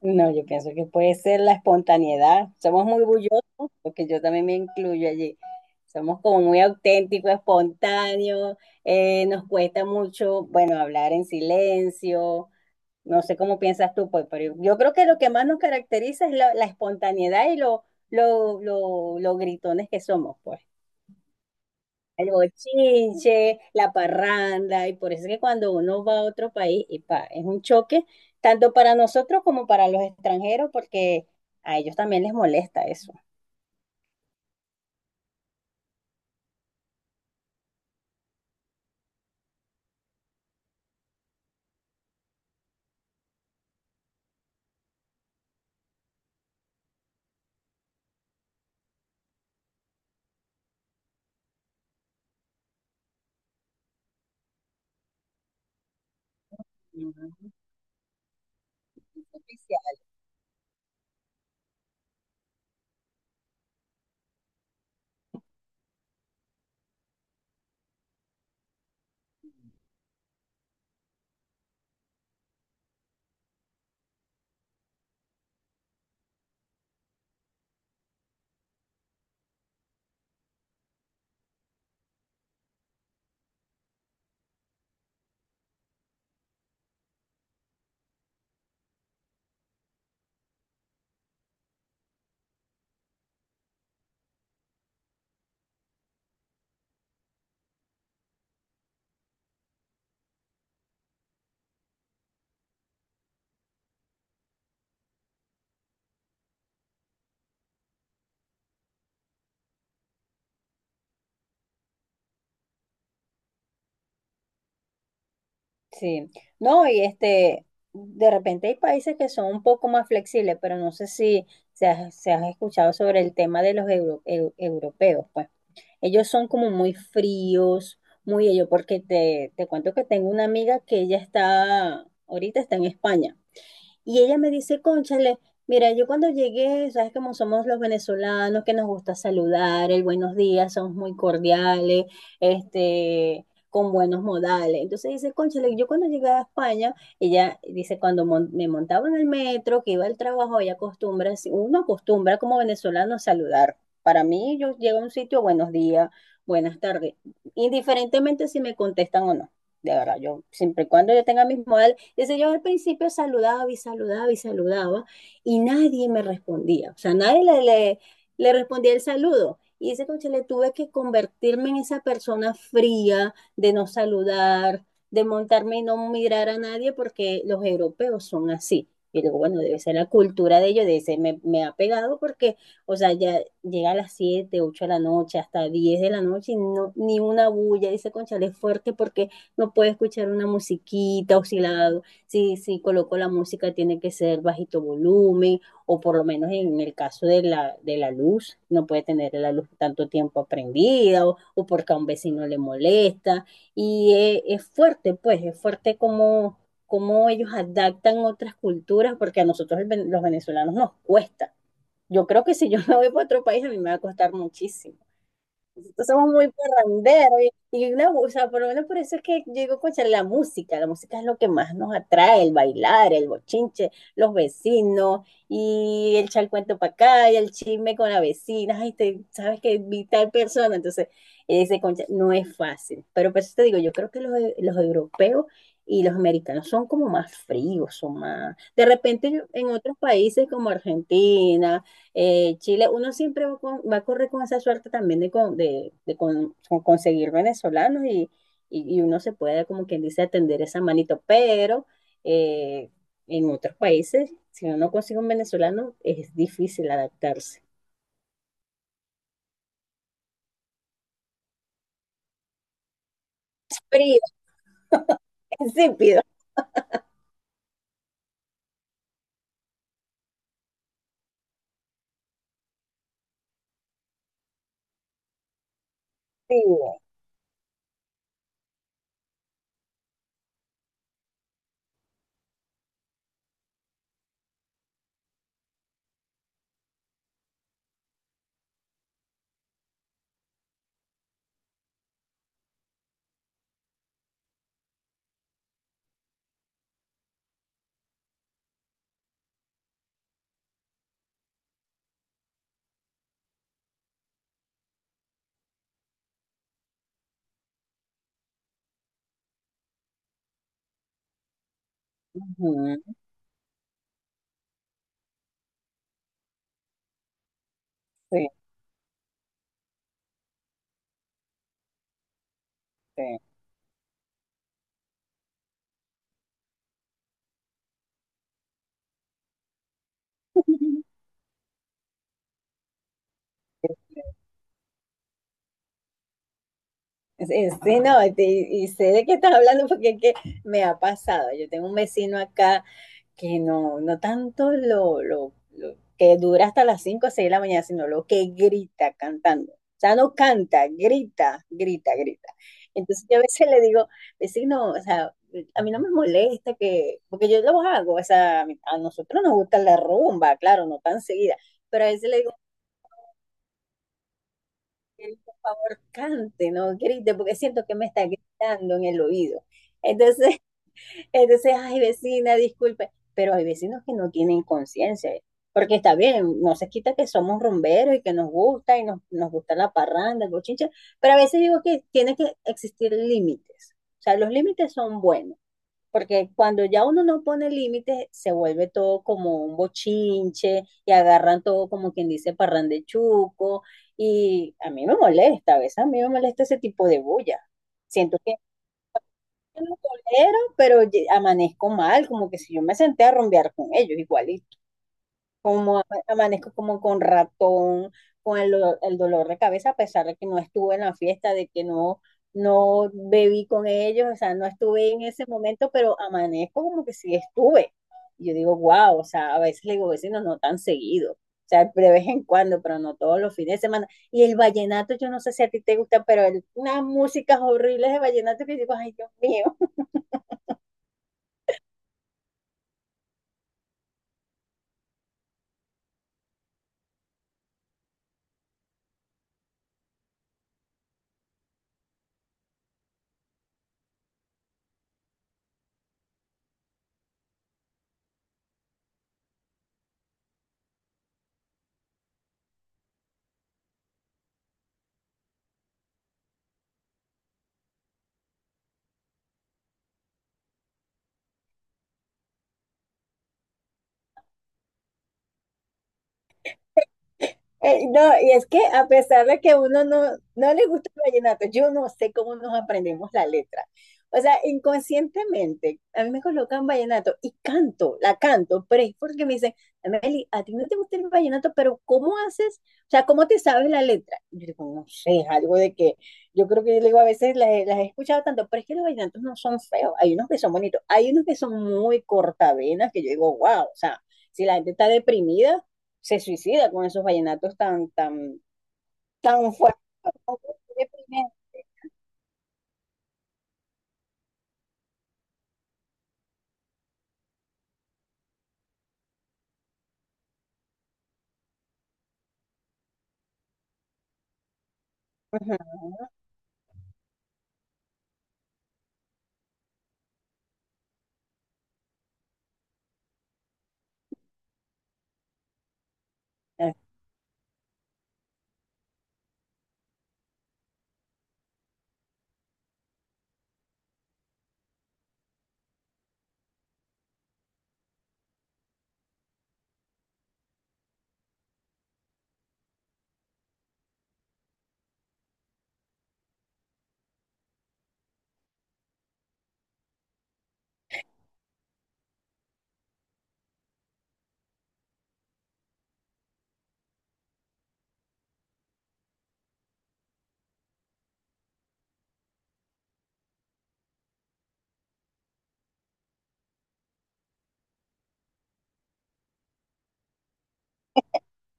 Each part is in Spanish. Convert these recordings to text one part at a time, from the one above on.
No, yo pienso que puede ser la espontaneidad. Somos muy bullosos, porque yo también me incluyo allí. Somos como muy auténticos, espontáneos, nos cuesta mucho, bueno, hablar en silencio. No sé cómo piensas tú, pues, pero yo creo que lo que más nos caracteriza es la espontaneidad y lo gritones que somos, pues. El bochinche, la parranda, y por eso es que cuando uno va a otro país, es un choque, tanto para nosotros como para los extranjeros, porque a ellos también les molesta eso. Sí, no, de repente hay países que son un poco más flexibles, pero no sé si se ha escuchado sobre el tema de los europeos, pues. Ellos son como muy fríos, muy ellos, porque te cuento que tengo una amiga que ella está, ahorita está en España. Y ella me dice, cónchale, mira, yo cuando llegué, sabes cómo somos los venezolanos, que nos gusta saludar, el buenos días, somos muy cordiales, con buenos modales. Entonces dice, cónchale, yo cuando llegué a España, ella dice, cuando me montaba en el metro, que iba al trabajo, ella acostumbra, uno acostumbra como venezolano a saludar. Para mí, yo llego a un sitio, buenos días, buenas tardes, indiferentemente si me contestan o no. De verdad, yo siempre y cuando yo tenga mis modales entonces yo al principio saludaba y saludaba y saludaba y nadie me respondía, o sea, nadie le respondía el saludo. Y dice coche le tuve que convertirme en esa persona fría de no saludar, de montarme y no mirar a nadie porque los europeos son así. Y digo, bueno, debe ser la cultura de ellos, de ese ha pegado porque, o sea, ya llega a las 7 8 de la noche, hasta 10 de la noche y no, ni una bulla, dice Conchale, es fuerte porque no puede escuchar una musiquita, oscilado, si coloco la música tiene que ser bajito volumen o por lo menos en el caso de la luz, no puede tener la luz tanto tiempo prendida o porque a un vecino le molesta. Y es fuerte, pues, es fuerte como ellos adaptan otras culturas porque a nosotros los venezolanos nos cuesta. Yo creo que si yo me voy para otro país a mí me va a costar muchísimo nosotros somos muy parranderos y una, o sea, por lo menos por eso es que yo digo, concha, la música es lo que más nos atrae, el bailar, el bochinche, los vecinos y el charcuento para acá y el chisme con la vecina, ay, sabes que vi tal persona, entonces ese concha no es fácil, pero por eso te digo, yo creo que los europeos y los americanos son como más fríos, son más... De repente en otros países como Argentina, Chile, uno siempre va, va a correr con esa suerte también de conseguir venezolanos y uno se puede, como quien dice, atender esa manito, pero eh, en otros países, si uno no consigue un venezolano, es difícil adaptarse. Frío, insípido, frío. Ujú. Sí, sí. Sí, sí, no, y sé de qué estás hablando porque es que me ha pasado. Yo tengo un vecino acá que no, no tanto lo que dura hasta las 5 o 6 de la mañana, sino lo que grita cantando. O sea, no canta, grita, grita, grita. Entonces yo a veces le digo, vecino, o sea, a mí no me molesta que, porque yo lo hago, o sea, a nosotros nos gusta la rumba, claro, no tan seguida, pero a veces le digo, "Miguel, por favor, cante, no grite, porque siento que me está gritando en el oído". Entonces, Entonces, ay, vecina, disculpe, pero hay vecinos que no tienen conciencia, porque está bien, no se quita que somos rumberos y que nos gusta y nos gusta la parranda, el bochinche, pero a veces digo que tiene que existir límites. O sea, los límites son buenos, porque cuando ya uno no pone límites, se vuelve todo como un bochinche y agarran todo como quien dice parrandechuco. Y a mí me molesta, a veces a mí me molesta ese tipo de bulla. Siento yo no tolero, pero amanezco mal, como que si yo me senté a rumbear con ellos, igualito. Como amanezco como con ratón, con el dolor de cabeza, a pesar de que no estuve en la fiesta, de que no bebí con ellos, o sea, no estuve en ese momento, pero amanezco como que sí estuve. Y yo digo, wow, o sea, a veces le digo, vecinos, no tan seguido. O sea, de vez en cuando, pero no todos los fines de semana. Y el vallenato, yo no sé si a ti te gusta, pero unas músicas horribles de vallenato que digo, ay, Dios mío. No, y es que a pesar de que uno no le gusta el vallenato, yo no sé cómo nos aprendemos la letra. O sea, inconscientemente, a mí me colocan vallenato y canto, la canto, pero es porque me dicen, Meli, a ti no te gusta el vallenato, pero ¿cómo haces? O sea, ¿cómo te sabes la letra? Y yo digo, no sé, es algo de que yo creo que yo le digo, a veces las he escuchado tanto, pero es que los vallenatos no son feos, hay unos que son bonitos, hay unos que son muy cortavenas, que yo digo, wow, o sea, si la gente está deprimida se suicida con esos vallenatos tan, tan, tan fuertes. Tan fuertes, deprimente. Ujú.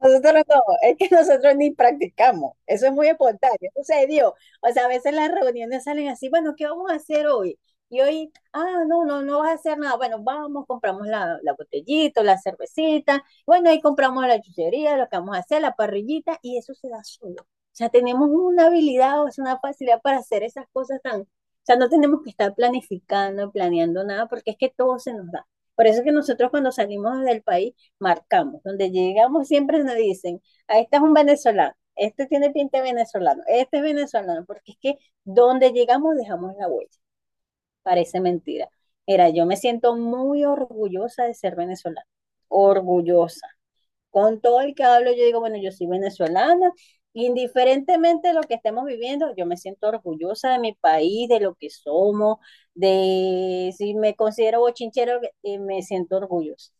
Nosotros no, es que nosotros ni practicamos, eso es muy espontáneo, eso se dio. O sea, a veces las reuniones salen así, bueno, ¿qué vamos a hacer hoy? Y hoy, ah, no, no, no vas a hacer nada. Bueno, vamos, compramos la botellita, la cervecita, bueno, ahí compramos la chuchería, lo que vamos a hacer, la parrillita, y eso se da solo. O sea, tenemos una habilidad, o sea, una facilidad para hacer esas cosas tan, o sea, no tenemos que estar planificando, planeando nada, porque es que todo se nos da. Por eso es que nosotros cuando salimos del país, marcamos. Donde llegamos siempre nos dicen, ah, este es un venezolano, este tiene pinta de venezolano, este es venezolano, porque es que donde llegamos dejamos la huella. Parece mentira. Mira, yo me siento muy orgullosa de ser venezolana, orgullosa. Con todo el que hablo, yo digo, bueno, yo soy venezolana, indiferentemente de lo que estemos viviendo, yo me siento orgullosa de mi país, de lo que somos, de si me considero bochinchero, me siento orgullosa.